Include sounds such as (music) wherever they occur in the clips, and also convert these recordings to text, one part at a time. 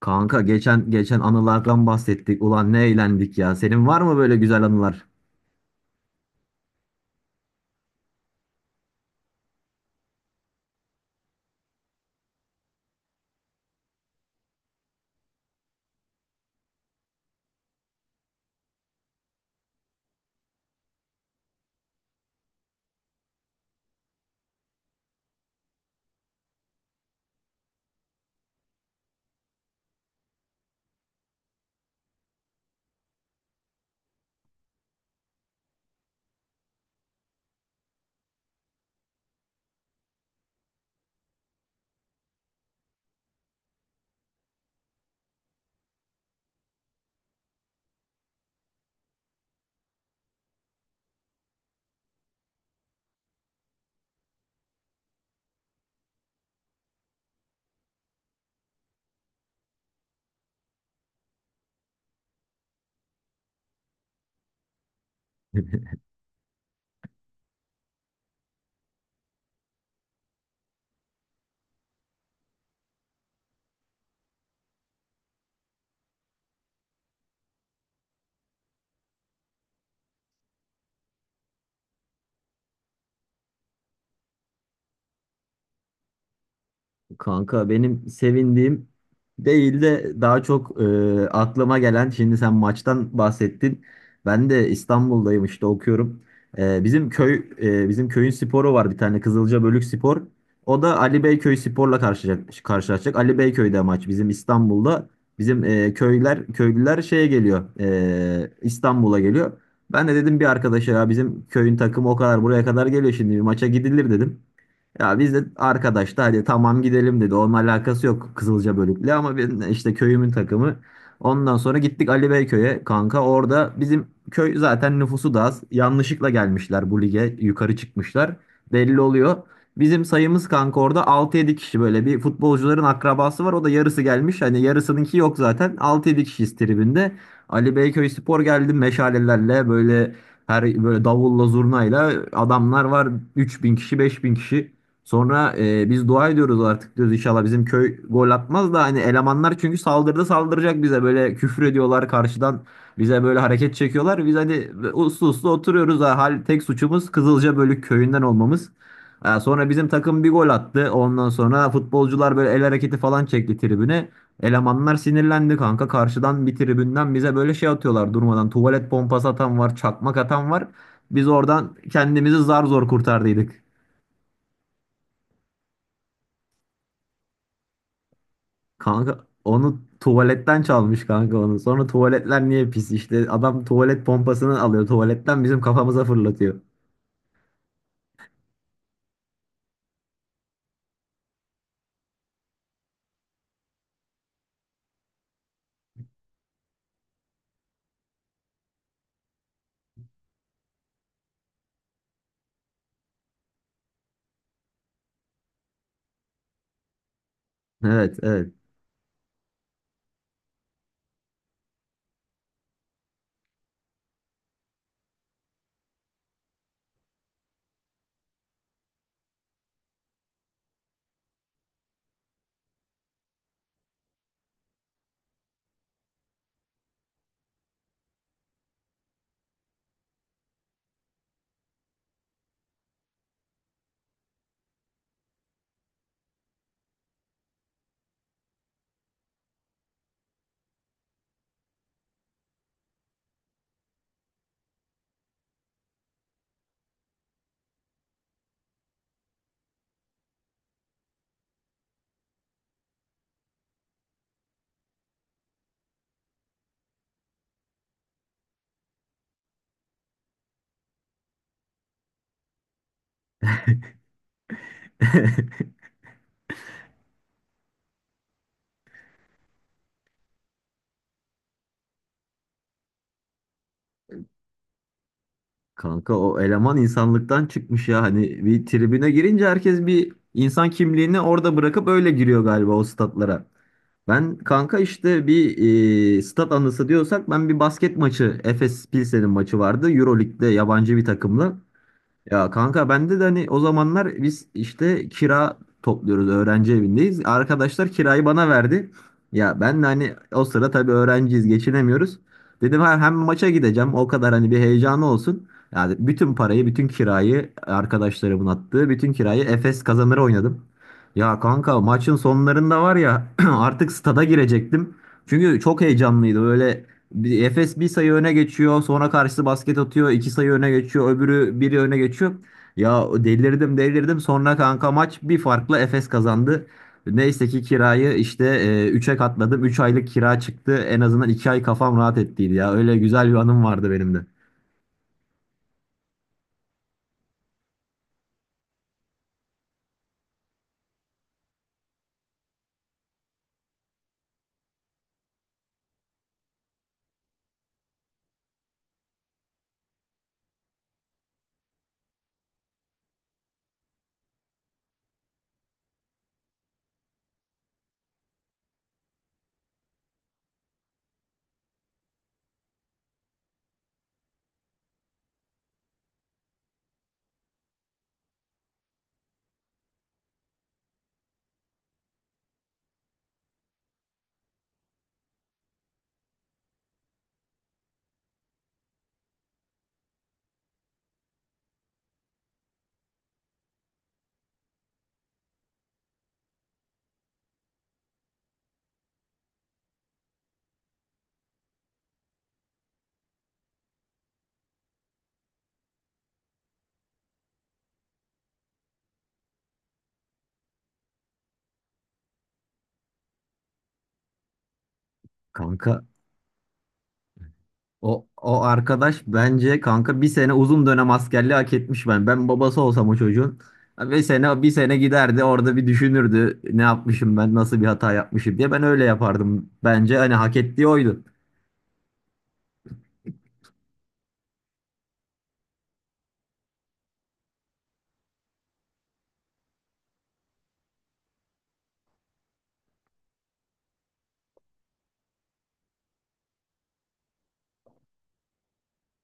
Kanka geçen anılardan bahsettik. Ulan ne eğlendik ya. Senin var mı böyle güzel anılar? (laughs) Kanka benim sevindiğim değil de daha çok aklıma gelen şimdi sen maçtan bahsettin. Ben de İstanbul'dayım işte okuyorum. Bizim köy bizim köyün sporu var bir tane Kızılca Bölük Spor. O da Ali Beyköy Spor'la karşılaşacak. Ali Beyköy'de maç bizim İstanbul'da. Bizim köyler köylüler şeye geliyor. İstanbul'a geliyor. Ben de dedim bir arkadaşa ya bizim köyün takımı o kadar buraya kadar geliyor şimdi bir maça gidilir dedim. Ya biz de arkadaş da hadi tamam gidelim dedi. Onun alakası yok Kızılca bölükle ama ben işte köyümün takımı. Ondan sonra gittik Ali Beyköy'e kanka. Orada bizim köy zaten nüfusu da az. Yanlışlıkla gelmişler bu lige. Yukarı çıkmışlar. Belli oluyor. Bizim sayımız kanka orada altı yedi kişi böyle bir futbolcuların akrabası var. O da yarısı gelmiş. Hani yarısınınki yok zaten. Altı yedi kişiyiz tribinde. Ali Beyköy Spor geldi meşalelerle böyle her böyle davulla zurnayla adamlar var. 3000 kişi 5000 kişi. Sonra biz dua ediyoruz artık diyoruz inşallah bizim köy gol atmaz da hani elemanlar çünkü saldırıda saldıracak bize böyle küfür ediyorlar karşıdan bize böyle hareket çekiyorlar. Biz hani uslu uslu oturuyoruz ha, hal tek suçumuz Kızılca Bölük köyünden olmamız. Ha, sonra bizim takım bir gol attı. Ondan sonra futbolcular böyle el hareketi falan çekti tribüne. Elemanlar sinirlendi kanka. Karşıdan bir tribünden bize böyle şey atıyorlar durmadan. Tuvalet pompası atan var, çakmak atan var. Biz oradan kendimizi zar zor kurtardıydık. Kanka onu tuvaletten çalmış kanka onu. Sonra tuvaletler niye pis? İşte adam tuvalet pompasını alıyor. Tuvaletten bizim kafamıza fırlatıyor. Evet, evet. (laughs) Kanka o eleman insanlıktan çıkmış ya. Hani bir tribüne girince herkes bir insan kimliğini orada bırakıp öyle giriyor galiba o statlara. Ben kanka işte bir stat anısı diyorsak ben bir basket maçı Efes Pilsen'in maçı vardı. Euroleague'de yabancı bir takımla. Ya kanka bende de hani o zamanlar biz işte kira topluyoruz öğrenci evindeyiz. Arkadaşlar kirayı bana verdi. Ya ben de hani o sıra tabii öğrenciyiz geçinemiyoruz. Dedim ha, hem maça gideceğim o kadar hani bir heyecanı olsun. Yani bütün parayı bütün kirayı arkadaşlarımın attığı bütün kirayı Efes kazanır oynadım. Ya kanka maçın sonlarında var ya (clears throat) artık stada girecektim. Çünkü çok heyecanlıydı böyle Efes bir sayı öne geçiyor. Sonra karşısı basket atıyor. İki sayı öne geçiyor. Öbürü biri öne geçiyor. Ya delirdim. Sonra kanka maç bir farkla Efes kazandı. Neyse ki kirayı işte 3'e katladım. Üç aylık kira çıktı. En azından 2 ay kafam rahat ettiydi ya. Öyle güzel bir anım vardı benim de. Kanka o arkadaş bence kanka bir sene uzun dönem askerliği hak etmiş ben. Ben babası olsam o çocuğun bir sene giderdi orada bir düşünürdü ne yapmışım ben nasıl bir hata yapmışım diye ben öyle yapardım bence hani hak ettiği oydu.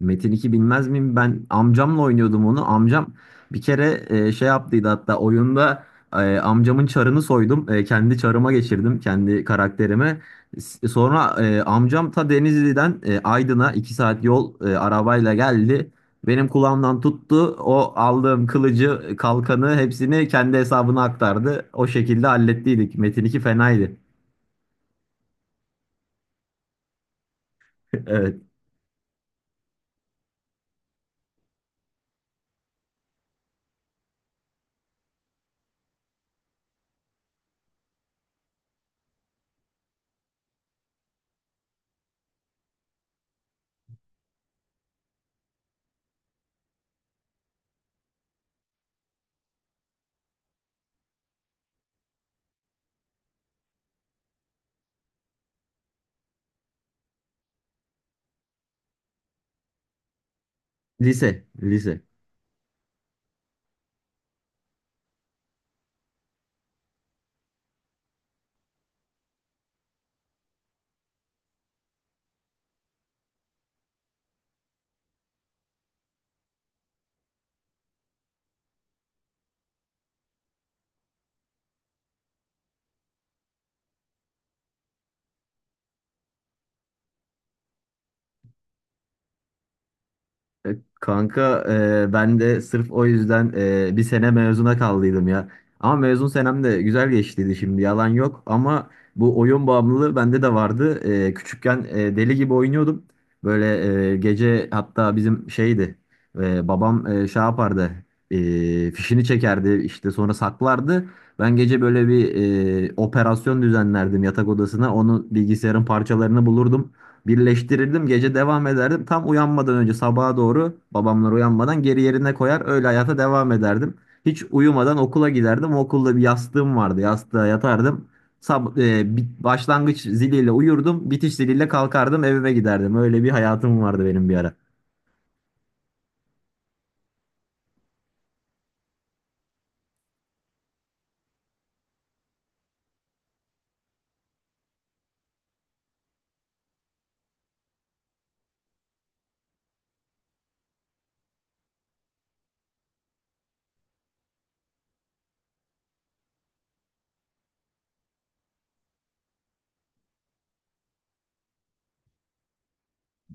Metin 2 bilmez miyim? Ben amcamla oynuyordum onu. Amcam bir kere şey yaptıydı hatta oyunda amcamın çarını soydum. Kendi çarıma geçirdim. Kendi karakterimi. Sonra amcam ta Denizli'den Aydın'a 2 saat yol arabayla geldi. Benim kulağımdan tuttu. O aldığım kılıcı, kalkanı hepsini kendi hesabına aktardı. O şekilde hallettiydik. Metin 2 fenaydı. (laughs) Evet. Lise. Lise. Kanka ben de sırf o yüzden bir sene mezuna kaldıydım ya. Ama mezun senem de güzel geçtiydi şimdi yalan yok. Ama bu oyun bağımlılığı bende de vardı. Küçükken deli gibi oynuyordum. Böyle gece hatta bizim şeydi babam şey yapardı fişini çekerdi işte sonra saklardı. Ben gece böyle bir operasyon düzenlerdim yatak odasına. Onun bilgisayarın parçalarını bulurdum. Birleştirirdim gece devam ederdim. Tam uyanmadan önce sabaha doğru babamlar uyanmadan geri yerine koyar öyle hayata devam ederdim. Hiç uyumadan okula giderdim. Okulda bir yastığım vardı. Yastığa yatardım. Başlangıç ziliyle uyurdum. Bitiş ziliyle kalkardım evime giderdim. Öyle bir hayatım vardı benim bir ara.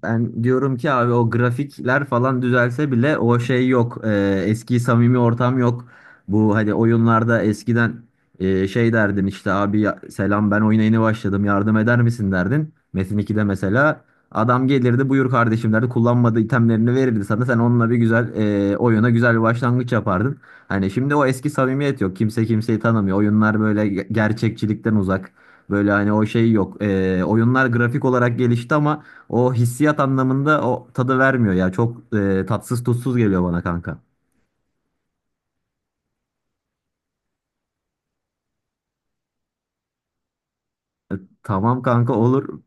Ben diyorum ki abi o grafikler falan düzelse bile o şey yok. Eski samimi ortam yok. Bu hani oyunlarda eskiden şey derdin işte abi selam ben oyuna yeni başladım yardım eder misin derdin. Metin 2'de mesela adam gelirdi buyur kardeşim derdi kullanmadığı itemlerini verirdi sana sen onunla bir güzel oyuna güzel bir başlangıç yapardın. Hani şimdi o eski samimiyet yok kimse kimseyi tanımıyor oyunlar böyle gerçekçilikten uzak. Böyle hani o şey yok. Oyunlar grafik olarak gelişti ama o hissiyat anlamında o tadı vermiyor ya. Çok tatsız tutsuz geliyor bana kanka. Tamam kanka olur.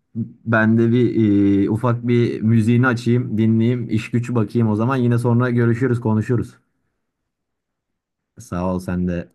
Ben de bir ufak bir müziğini açayım, dinleyeyim, iş güç bakayım o zaman. Yine sonra görüşürüz, konuşuruz. Sağ ol sen de.